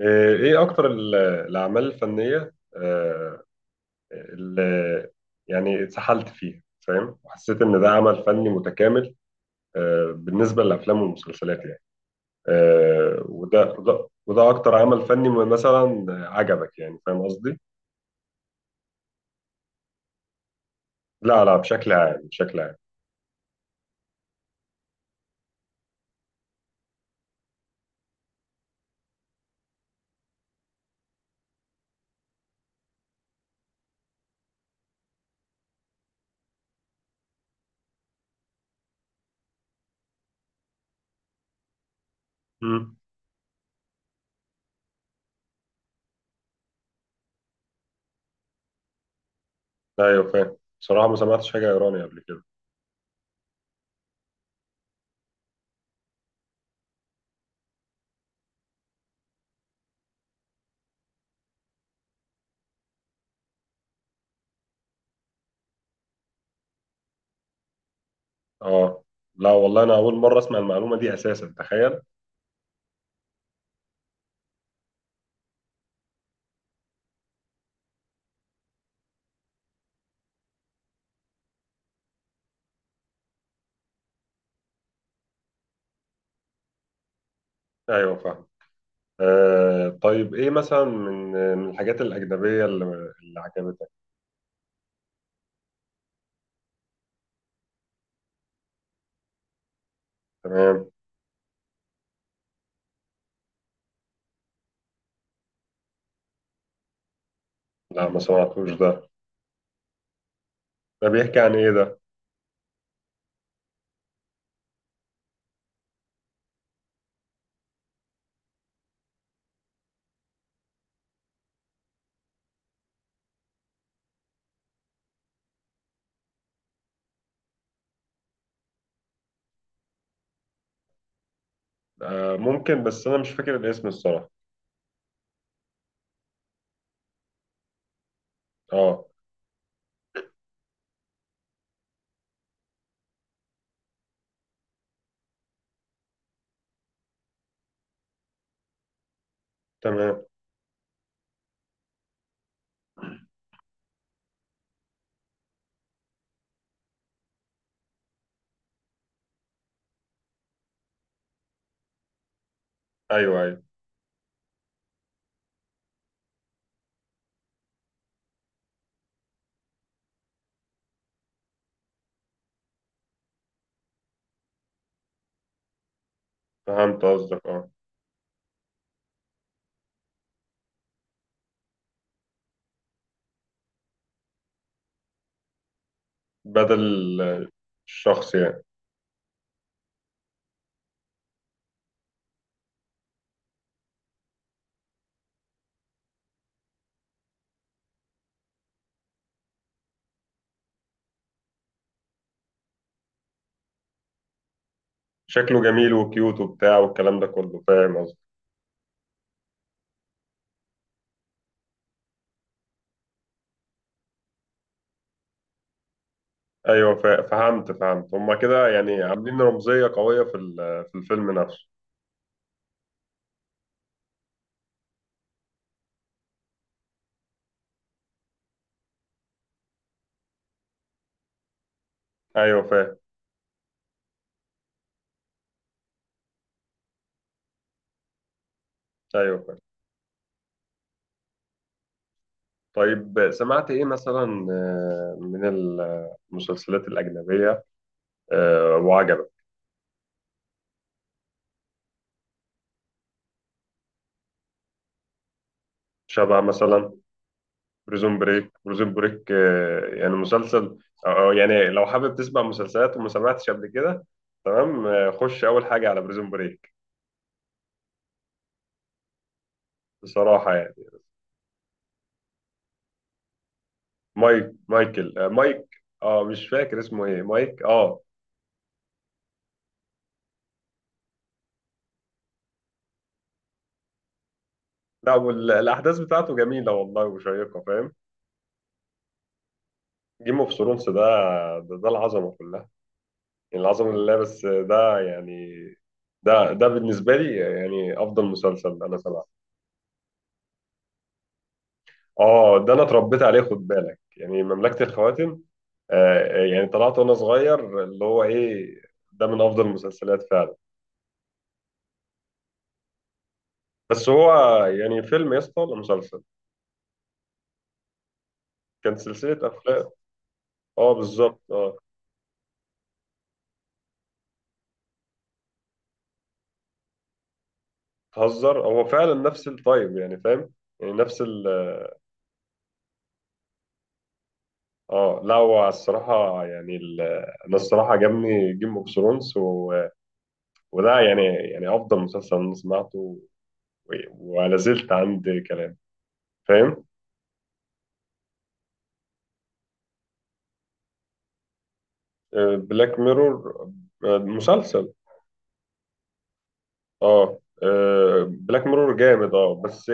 ايه اكتر الاعمال الفنيه، اللي يعني اتسحلت فيها، فاهم؟ وحسيت ان ده عمل فني متكامل، بالنسبه للافلام والمسلسلات يعني، وده اكتر عمل فني مثلا عجبك، يعني فاهم قصدي؟ لا، لا، بشكل عام بشكل عام. مم. ايوه، فاهم، بصراحه ما سمعتش حاجه ايراني قبل كده. اه، لا والله انا اول مره اسمع المعلومه دي اساسا، تخيل. ايوه فاهم. طيب، ايه مثلا من الحاجات الأجنبية اللي عجبتك؟ تمام. لا، ما سمعتوش ده. ده بيحكي عن ايه ده؟ آه، ممكن، بس انا مش فاكر الاسم الصراحة. اه. تمام. ايوه، ايوه، فهمت قصدك، اه. بدل الشخص يعني. شكله جميل وكيوت وبتاع، والكلام ده كله، فاهم قصدي؟ ايوه، فهمت. هما كده يعني عاملين رمزية قوية في الفيلم نفسه. ايوه فاهم. ايوه فاهم. طيب، سمعت إيه مثلا من المسلسلات الأجنبية، وعجبك؟ شبه مثلا بريزون بريك. بريزون بريك يعني مسلسل؟ أو يعني لو حابب تسمع مسلسلات وما سمعتش قبل كده، تمام، خش أول حاجة على بريزون بريك. بصراحة يعني. مايك، مايكل، مايك، اه، مش فاكر اسمه ايه، مايك، اه. لا، الأحداث بتاعته جميلة والله وشيقة، فاهم؟ جيم اوف ثرونز ده، ده العظمة كلها. العظمة لله، بس ده يعني، ده بالنسبة لي يعني أفضل مسلسل أنا سمعته. ده أنا اتربيت عليه، خد بالك، يعني مملكة الخواتم. يعني طلعت وأنا صغير اللي هو إيه، ده من أفضل المسلسلات فعلا. بس هو يعني فيلم يا اسطى ولا مسلسل؟ كان سلسلة أفلام. آه، بالظبط، آه. تهزر؟ هو فعلا نفس التايب، يعني فاهم؟ يعني نفس ال. لا، هو الصراحة يعني أنا الصراحة عجبني جيم أوف ثرونز، و. وده يعني افضل مسلسل انا سمعته، و. ولا زلت عند كلام، فاهم؟ بلاك ميرور مسلسل؟ اه. بلاك ميرور جامد، اه، بس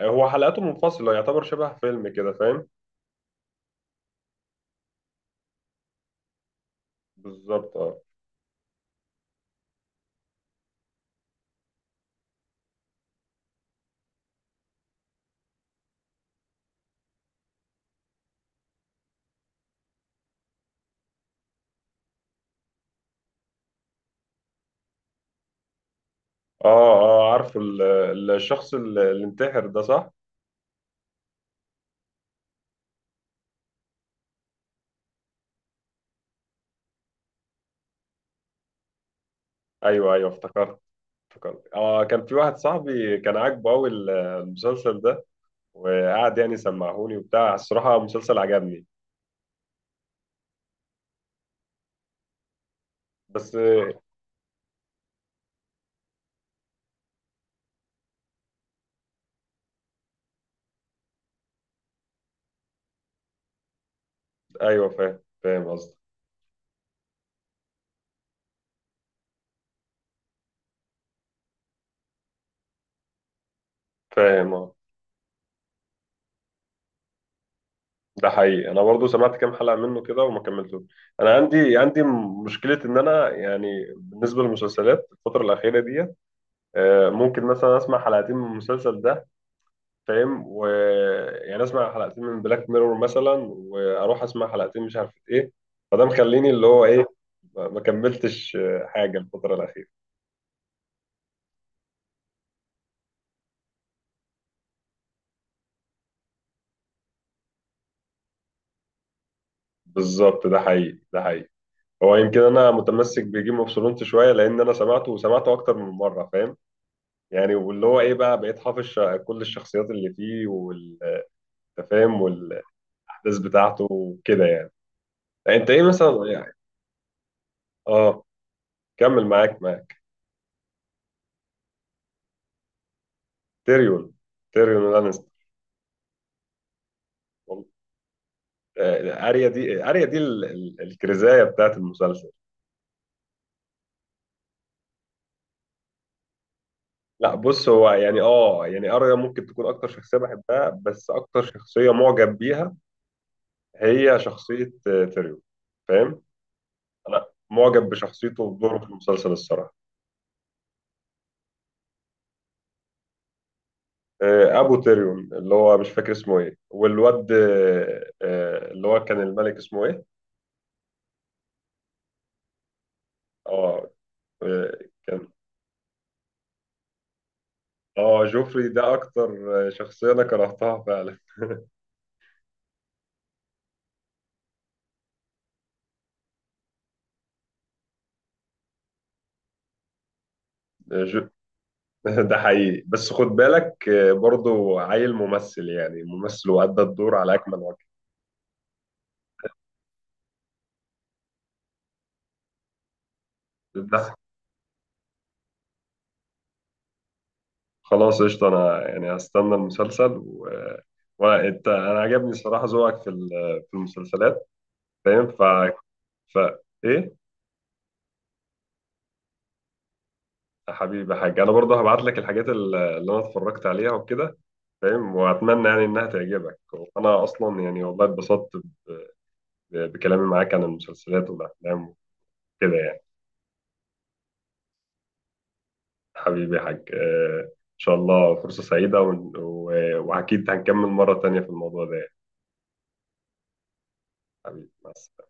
هو حلقاته منفصلة، يعتبر شبه فيلم كده، فاهم؟ بالظبط، اه. اه. اه، عارف الشخص اللي انتحر ده، صح؟ ايوه، ايوه، افتكرت. افتكرت، اه، كان في واحد صاحبي كان عاجبه قوي المسلسل ده. وقعد يعني سمعهوني وبتاع. الصراحة مسلسل عجبني، بس. ايوه، فاهم، فاهم قصدي. فاهم، اه. ده حقيقي. انا برضو سمعت كام حلقه منه كده وما كملتوش. انا عندي مشكله، ان انا يعني بالنسبه للمسلسلات الفتره الاخيره دي، ممكن مثلا اسمع حلقتين من المسلسل ده، فاهم؟ ويعني اسمع حلقتين من بلاك ميرور مثلا، واروح اسمع حلقتين مش عارف ايه، فده مخليني اللي هو ايه، ما كملتش حاجه الفتره الاخيره. بالظبط، ده حقيقي، ده حقيقي. هو يمكن انا متمسك بجيم اوف ثرونز شويه، لان انا سمعته وسمعته اكتر من مره، فاهم؟ يعني واللي هو ايه بقى، بقيت حافظ كل الشخصيات اللي فيه والتفاهم والاحداث بتاعته وكده يعني. يعني انت ايه مثلا يعني؟ اه، كمل معاك تيريون، تيريون لانستر. اريا دي الكرزايه بتاعت المسلسل. لا، بص، هو يعني، اه يعني، اريا ممكن تكون اكتر شخصيه بحبها، بس اكتر شخصيه معجب بيها هي شخصيه تيريون، فاهم؟ انا معجب بشخصيته ودوره في المسلسل، الصراحه. ابو تيريون، اللي هو مش فاكر اسمه ايه، والواد، اللي هو كان الملك، اسمه ايه؟ اه. آه، كان. اه، جوفري ده اكتر، شخصيه انا كرهتها فعلا. جو- ده حقيقي، بس خد بالك برضو عيل ممثل، يعني ممثل، وأدى الدور على اكمل وجه. ده. خلاص، قشطه. انا يعني هستنى المسلسل، و. وانت، انا عجبني صراحه ذوقك في المسلسلات، فاهم، ف، ف، ايه. حبيبي يا حاج، انا برضه هبعت لك الحاجات اللي انا اتفرجت عليها وكده، فاهم؟ واتمنى يعني انها تعجبك. انا اصلا يعني والله اتبسطت بكلامي معاك عن المسلسلات والافلام وكده يعني. حبيبي يا حاج، ان شاء الله فرصة سعيدة، واكيد هنكمل مرة تانية في الموضوع ده يعني. حبيبي، مع السلامة.